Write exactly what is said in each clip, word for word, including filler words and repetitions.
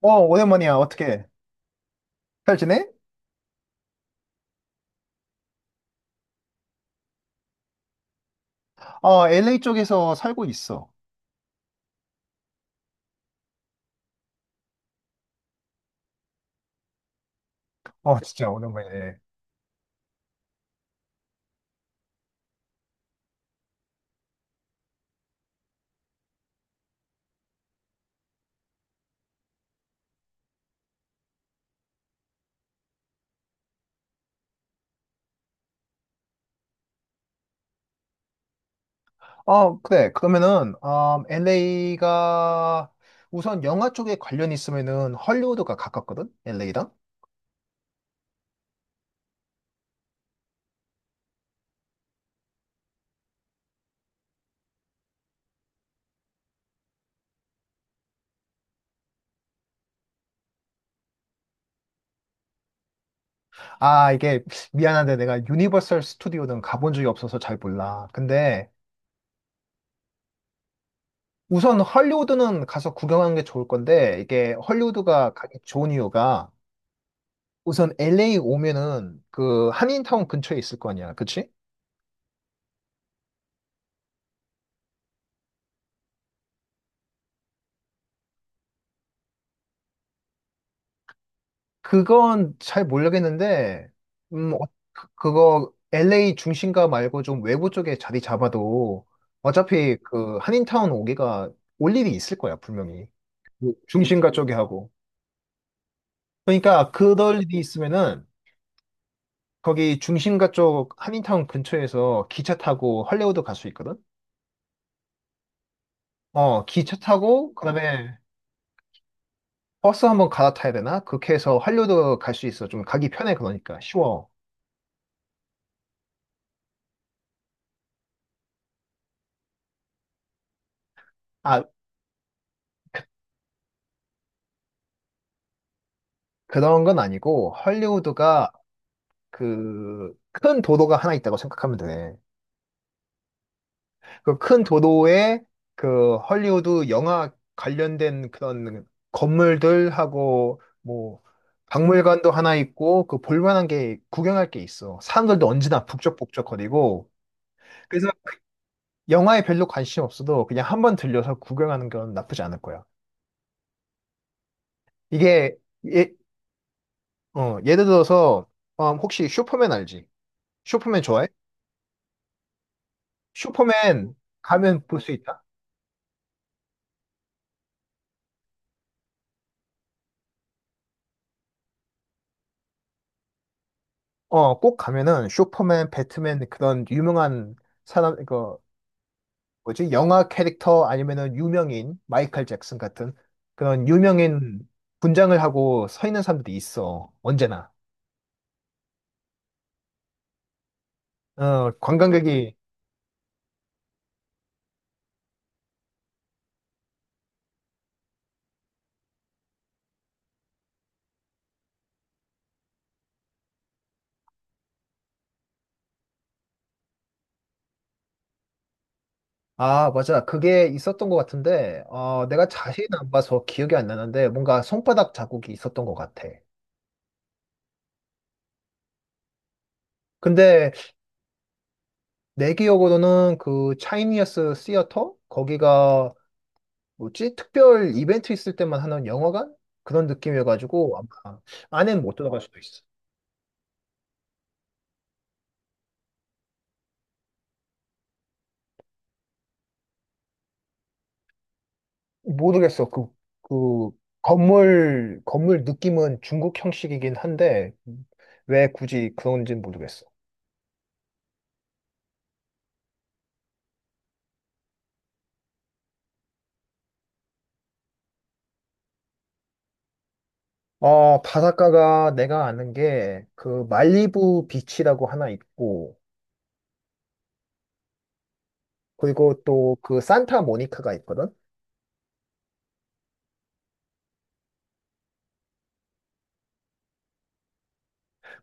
어, 오랜만이야. 어떻게? 잘 지내? 어, 엘에이 쪽에서 살고 있어. 어, 진짜 오랜만이네. 어, 그래. 그러면은, 음, 엘에이가 우선 영화 쪽에 관련 있으면은 헐리우드가 가깝거든? 엘에이랑? 아, 이게 미안한데 내가 유니버설 스튜디오는 가본 적이 없어서 잘 몰라. 근데 우선 헐리우드는 가서 구경하는 게 좋을 건데 이게 헐리우드가 가기 좋은 이유가 우선 엘에이 오면은 그 한인타운 근처에 있을 거 아니야. 그치? 그건 잘 모르겠는데, 음, 어, 그- 그거 엘에이 중심가 말고 좀 외부 쪽에 자리 잡아도 어차피 그 한인타운 오기가 올 일이 있을 거야, 분명히. 그 중심가 쪽에 하고. 그러니까 그럴 일이 있으면은 거기 중심가 쪽 한인타운 근처에서 기차 타고 할리우드 갈 수 있거든? 어, 기차 타고 그다음에 버스 한번 갈아타야 되나? 그렇게 해서 할리우드 갈 수 있어. 좀 가기 편해, 그러니까. 쉬워. 아, 그런 건 아니고 할리우드가 그 큰 도도가 하나 있다고 생각하면 돼. 그 큰 도도에 그 헐리우드 영화 관련된 그런 건물들하고 뭐 박물관도 하나 있고 그 볼만한 게 구경할 게 있어. 사람들도 언제나 북적북적거리고 그래서 영화에 별로 관심 없어도 그냥 한번 들려서 구경하는 건 나쁘지 않을 거야. 이게 예, 어, 예를 들어서 어, 혹시 슈퍼맨 알지? 슈퍼맨 좋아해? 슈퍼맨 가면 볼 수 있다? 어, 꼭 가면은 슈퍼맨, 배트맨 그런 유명한 사람, 그 뭐지? 영화 캐릭터 아니면은 유명인, 마이클 잭슨 같은 그런 유명인 분장을 하고 서 있는 사람들이 있어. 언제나. 어, 관광객이 아, 맞아. 그게 있었던 것 같은데, 어, 내가 자세히는 안 봐서 기억이 안 나는데, 뭔가 손바닥 자국이 있었던 것 같아. 근데 내 기억으로는 그 차이니어스 시어터? 거기가 뭐지? 특별 이벤트 있을 때만 하는 영화관? 그런 느낌이어가지고 아마 안에는 못 들어갈 수도 있어. 모르겠어. 그, 그 건물, 건물 느낌은 중국 형식이긴 한데 왜 굳이 그런지는 모르겠어. 어, 바닷가가 내가 아는 게 그 말리부 비치라고 하나 있고 그리고 또 그 산타모니카가 있거든?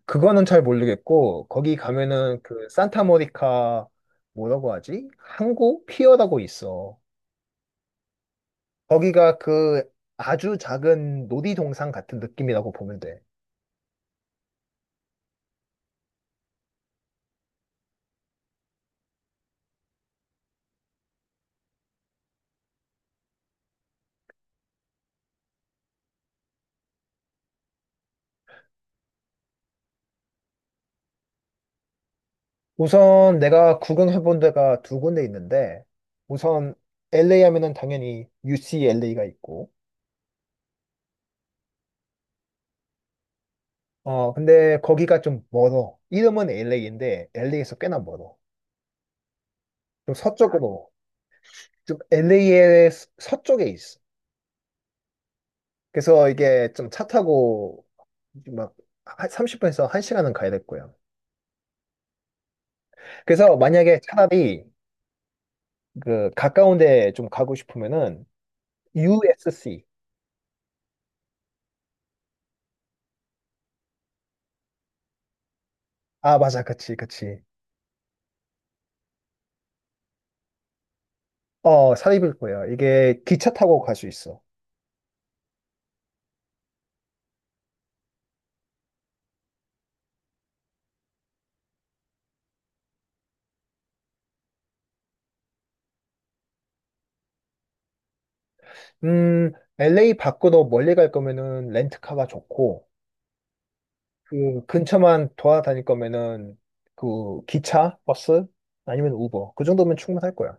그거는 잘 모르겠고 거기 가면은 그 산타모니카 뭐라고 하지? 항구 피어라고 있어. 거기가 그 아주 작은 놀이동산 같은 느낌이라고 보면 돼. 우선 내가 구경해본 데가 두 군데 있는데, 우선 엘에이 하면은 당연히 유씨엘에이가 있고, 어, 근데 거기가 좀 멀어. 이름은 엘에이인데, 엘에이에서 꽤나 멀어. 좀 서쪽으로, 좀 엘에이의 서쪽에 있어. 그래서 이게 좀 차 타고 막 삼십 분에서 한 시간은 가야 될 거야. 그래서 만약에 차라리 그 가까운 데 좀 가고 싶으면은 유에스씨. 아, 맞아. 그치, 그치. 어, 사립일 거야. 이게 기차 타고 갈 수 있어. 음, 엘에이 밖으로 멀리 갈 거면은 렌트카가 좋고, 그 근처만 돌아다닐 거면은 그 기차, 버스, 아니면 우버. 그 정도면 충분할 거야.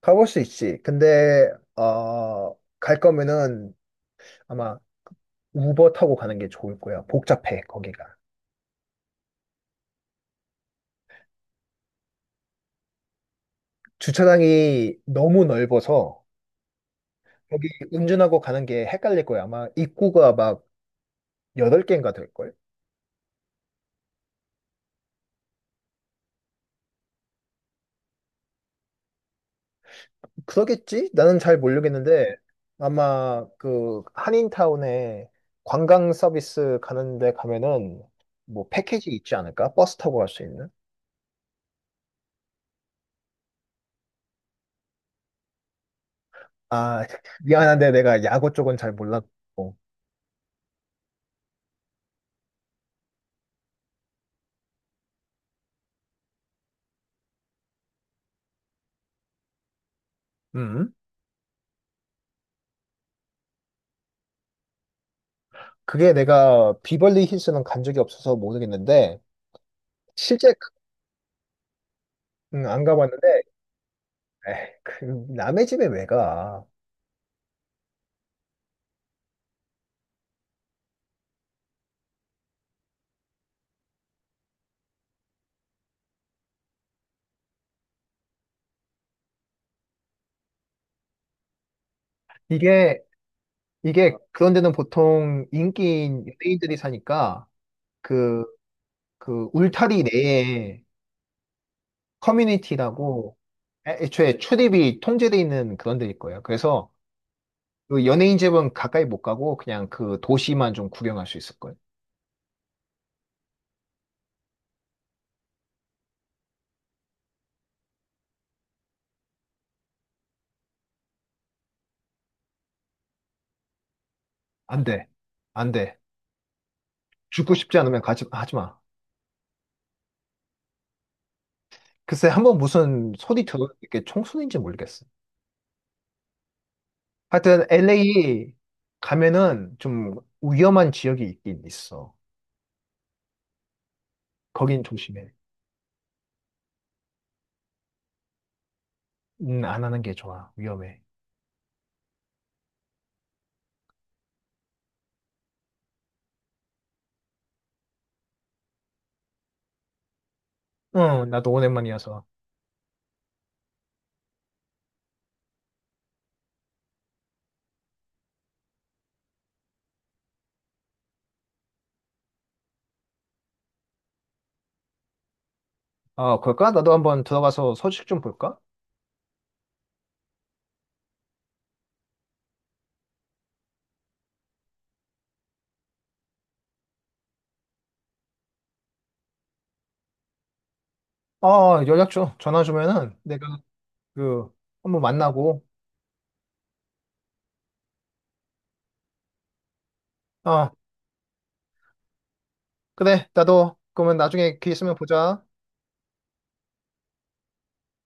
가볼 수 있지. 근데, 어, 갈 거면은 아마 우버 타고 가는 게 좋을 거야. 복잡해, 거기가. 주차장이 너무 넓어서, 여기 운전하고 가는 게 헷갈릴 거야. 아마 입구가 막 여덟 개인가 될걸? 그러겠지? 나는 잘 모르겠는데, 아마 그 한인타운에 관광 서비스 가는데 가면은 뭐 패키지 있지 않을까? 버스 타고 갈 수 있는? 아, 미안한데 내가 야구 쪽은 잘 몰랐고. 음. 그게 내가 비벌리 힐스는 간 적이 없어서 모르겠는데, 실제 그- 음, 안 가봤는데, 에이, 그 남의 집에 왜 가? 이게, 이게 그런 데는 보통 인기인 연예인들이 사니까, 그 그 울타리 내에 커뮤니티라고 애- 애초에 출입이 통제돼 있는 그런 데일 거예요. 그래서 그 연예인 집은 가까이 못 가고 그냥 그 도시만 좀 구경할 수 있을 거예요. 안 돼. 안 돼. 죽고 싶지 않으면 가지, 하지 마. 글쎄, 한번 무슨 소리 들어, 이게 총소리인지 모르겠어. 하여튼 엘에이 가면은 좀 위험한 지역이 있긴 있어. 거긴 조심해. 음, 안 하는 게 좋아. 위험해. 응, 나도 오랜만이어서. 아, 그럴까? 나도 한번 들어가서 소식 좀 볼까? 어, 연락 줘. 전화 주면은 내가 그 한번 만나고. 어, 그래. 나도 그러면 나중에 기회 있으면 보자.